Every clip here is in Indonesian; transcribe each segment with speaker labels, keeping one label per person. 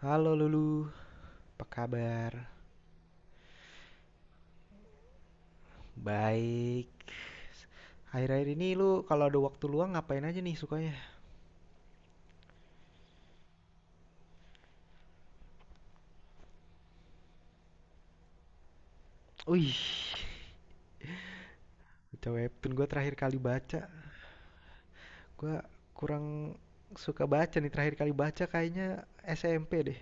Speaker 1: Halo Lulu, apa kabar? Baik. Akhir-akhir ini lu kalau ada waktu luang ngapain aja nih sukanya? Wih, baca webtoon gue terakhir kali baca. Gue kurang suka baca nih terakhir kali baca kayaknya SMP deh.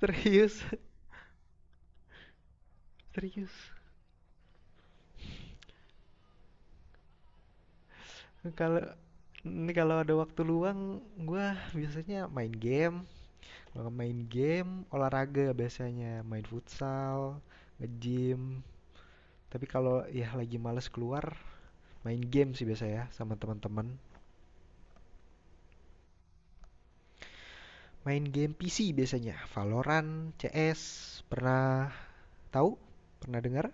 Speaker 1: Serius, serius. Kalau ini kalau ada waktu luang, gue biasanya main game. Kalau main game, olahraga biasanya main futsal, nge-gym. Tapi kalau ya lagi males keluar, main game sih biasa ya sama teman-teman. Main game PC biasanya, Valorant, CS, pernah tahu? Pernah dengar?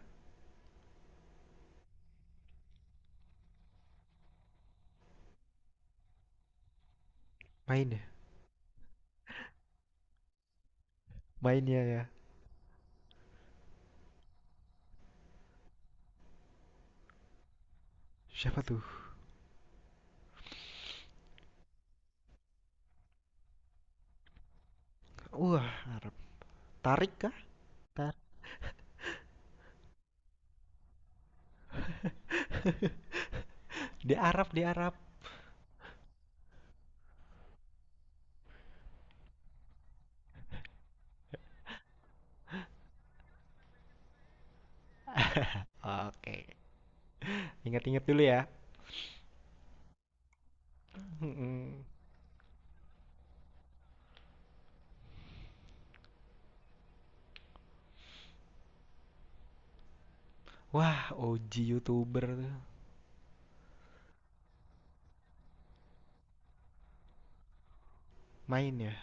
Speaker 1: Main ya? Mainnya ya. Siapa tuh? Wah, Arab. Tarik kah? Tar. Di Arab, di Arab. Oke. Ingat-ingat dulu ya. Mm-mm. Wah, OG YouTuber tuh main ya.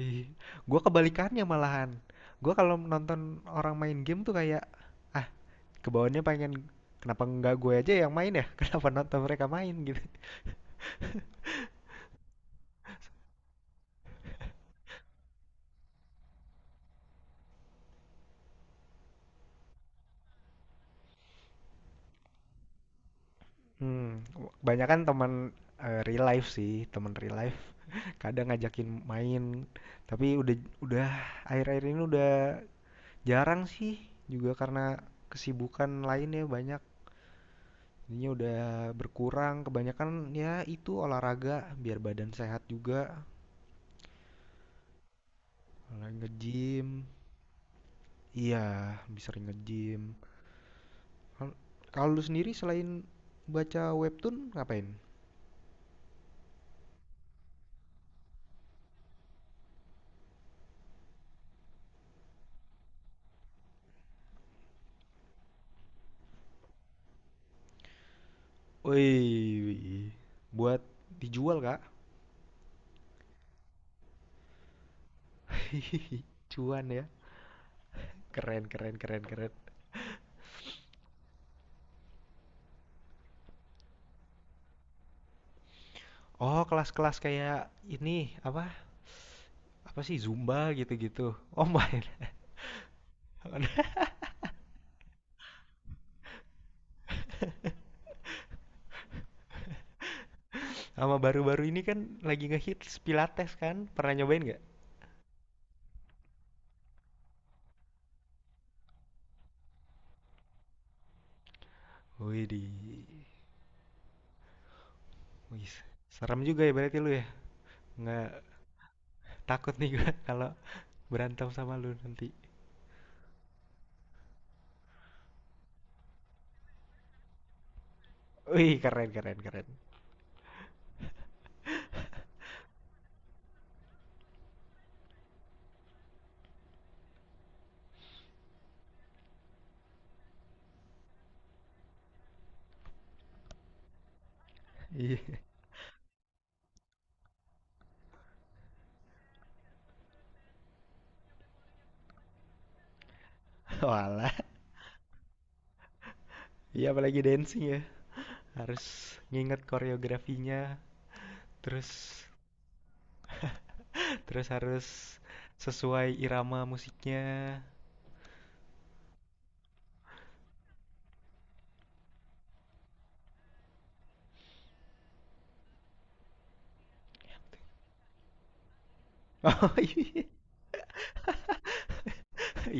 Speaker 1: Ih, kebalikannya malahan. Gue kalau nonton orang main game tuh kayak kebawahnya pengen kenapa nggak gue aja yang main ya? Kenapa nonton mereka main gitu? Hmm, banyak kan teman real life sih, teman real life. Kadang ngajakin main, tapi udah akhir-akhir ini udah jarang sih juga karena kesibukan lainnya banyak. Jadinya udah berkurang, kebanyakan ya itu olahraga biar badan sehat juga, olahraga nge-gym. Iya, lebih sering nge-gym. Kalau lu sendiri selain baca webtoon ngapain? Wih, buat dijual kak? Cuan ya? Keren, keren, keren, keren. Oh, kelas-kelas kayak ini apa? Apa sih Zumba gitu-gitu? Oh my. Sama baru-baru ini kan lagi ngehits Pilates kan? Pernah nyobain nggak? Wih di, wih, serem juga ya berarti lu ya? Nggak takut nih gua kalau berantem sama lu nanti. Wih, keren, keren, keren. Iya, walah. Iya apalagi dancing ya. Harus nginget koreografinya, terus terus harus sesuai irama musiknya. Oh iya,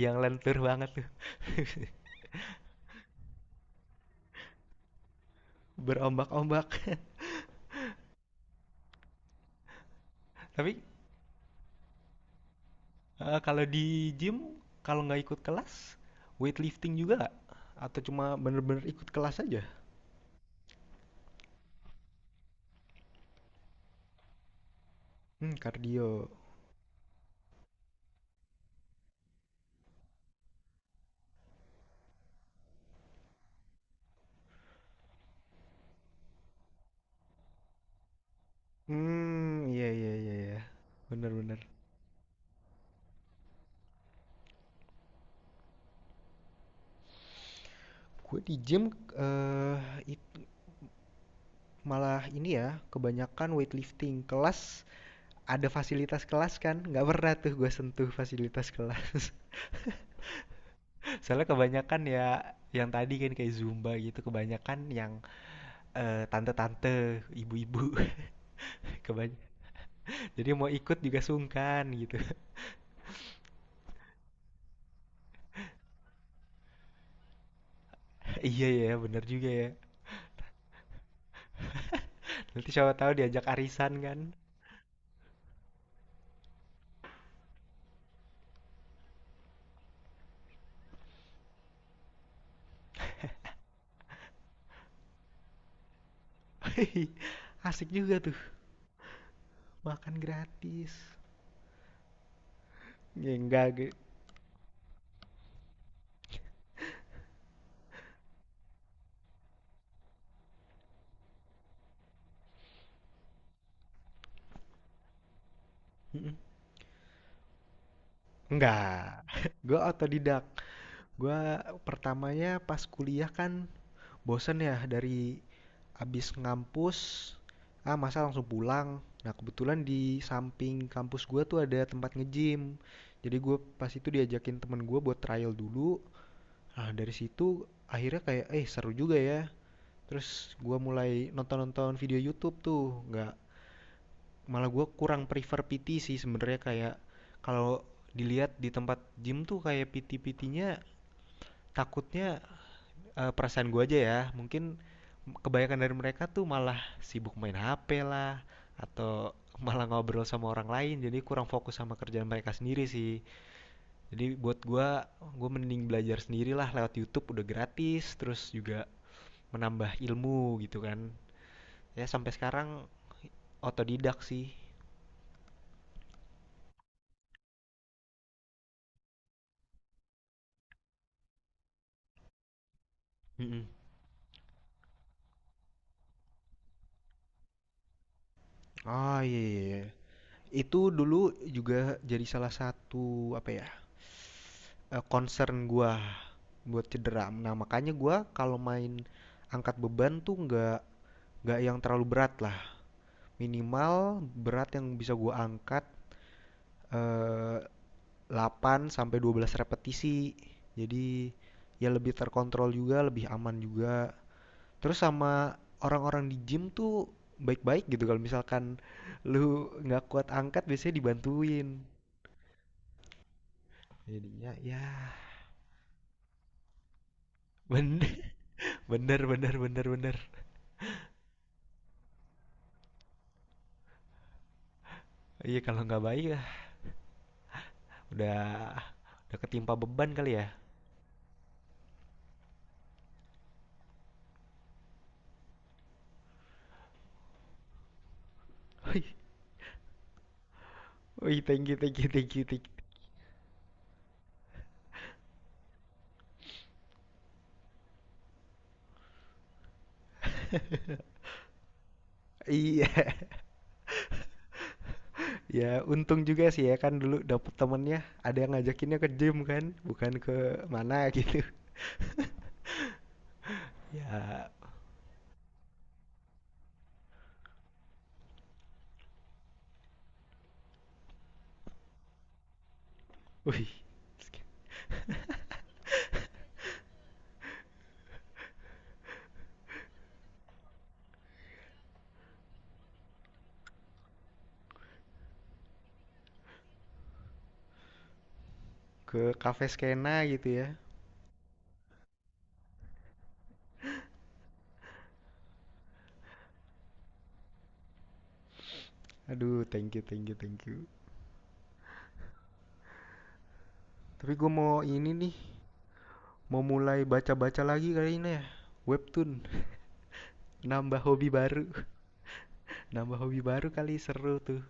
Speaker 1: yang lentur banget tuh. Berombak-ombak. Tapi kalau di gym kalau nggak ikut kelas, weightlifting juga nggak? Atau cuma bener-bener ikut kelas aja? Hmm, kardio. Hmm, iya iya iya iya. Bener-bener. Gue di gym eh it- malah ini ya, kebanyakan weightlifting kelas ada fasilitas kelas kan nggak pernah tuh gue sentuh fasilitas kelas. Soalnya kebanyakan ya yang tadi kan kayak zumba gitu kebanyakan yang tante-tante ibu-ibu. kebany jadi mau ikut juga sungkan gitu. Iya ya bener juga ya, nanti siapa tahu diajak arisan kan. Asik juga tuh makan gratis ya enggak enggak. Gue otodidak. Gue pertamanya pas kuliah kan bosen ya dari abis ngampus, ah masa langsung pulang. Nah kebetulan di samping kampus gue tuh ada tempat nge-gym, jadi gue pas itu diajakin temen gue buat trial dulu. Nah dari situ akhirnya kayak seru juga ya, terus gue mulai nonton-nonton video YouTube tuh nggak, malah gue kurang prefer PT sih sebenarnya, kayak kalau dilihat di tempat gym tuh kayak PT-PT-nya takutnya, perasaan gue aja ya, mungkin kebanyakan dari mereka tuh malah sibuk main HP lah, atau malah ngobrol sama orang lain, jadi kurang fokus sama kerjaan mereka sendiri sih. Jadi buat gue mending belajar sendiri lah lewat YouTube, udah gratis terus juga menambah ilmu gitu kan, ya sampai sekarang otodidak sih. Mm-mm. Oh iya, iya, iya. Itu dulu juga jadi salah satu apa ya? Concern gua buat cedera. Nah makanya gue kalau main angkat beban tuh nggak yang terlalu berat lah. Minimal berat yang bisa gue angkat eh 8 sampai 12 repetisi. Jadi ya lebih terkontrol juga, lebih aman juga. Terus sama orang-orang di gym tuh baik-baik gitu kalau misalkan lu nggak kuat angkat biasanya dibantuin. Jadinya ya bener bener bener bener bener. Iya kalau nggak baik ya, Udah udah ketimpa beban kali ya. Wih, wih, thank you, thank you, thank you, thank you. Iya, ya untung juga sih ya kan dulu dapet temennya ada yang ngajakinnya ke gym kan, bukan ke mana gitu. Ya, wih, ke cafe skena gitu ya. Aduh, thank you, thank you, thank you. Tapi gue mau ini nih, mau mulai baca-baca lagi kali ini ya. Webtoon, nambah hobi baru, nambah hobi baru kali seru tuh.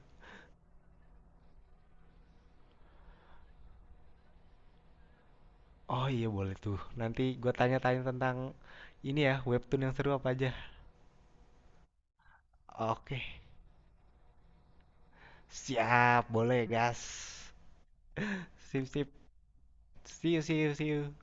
Speaker 1: Oh iya boleh tuh. Nanti gue tanya-tanya tentang ini ya, webtoon yang seru apa aja. Oke, siap, boleh gas. Sip, sip. See you, see you, see you.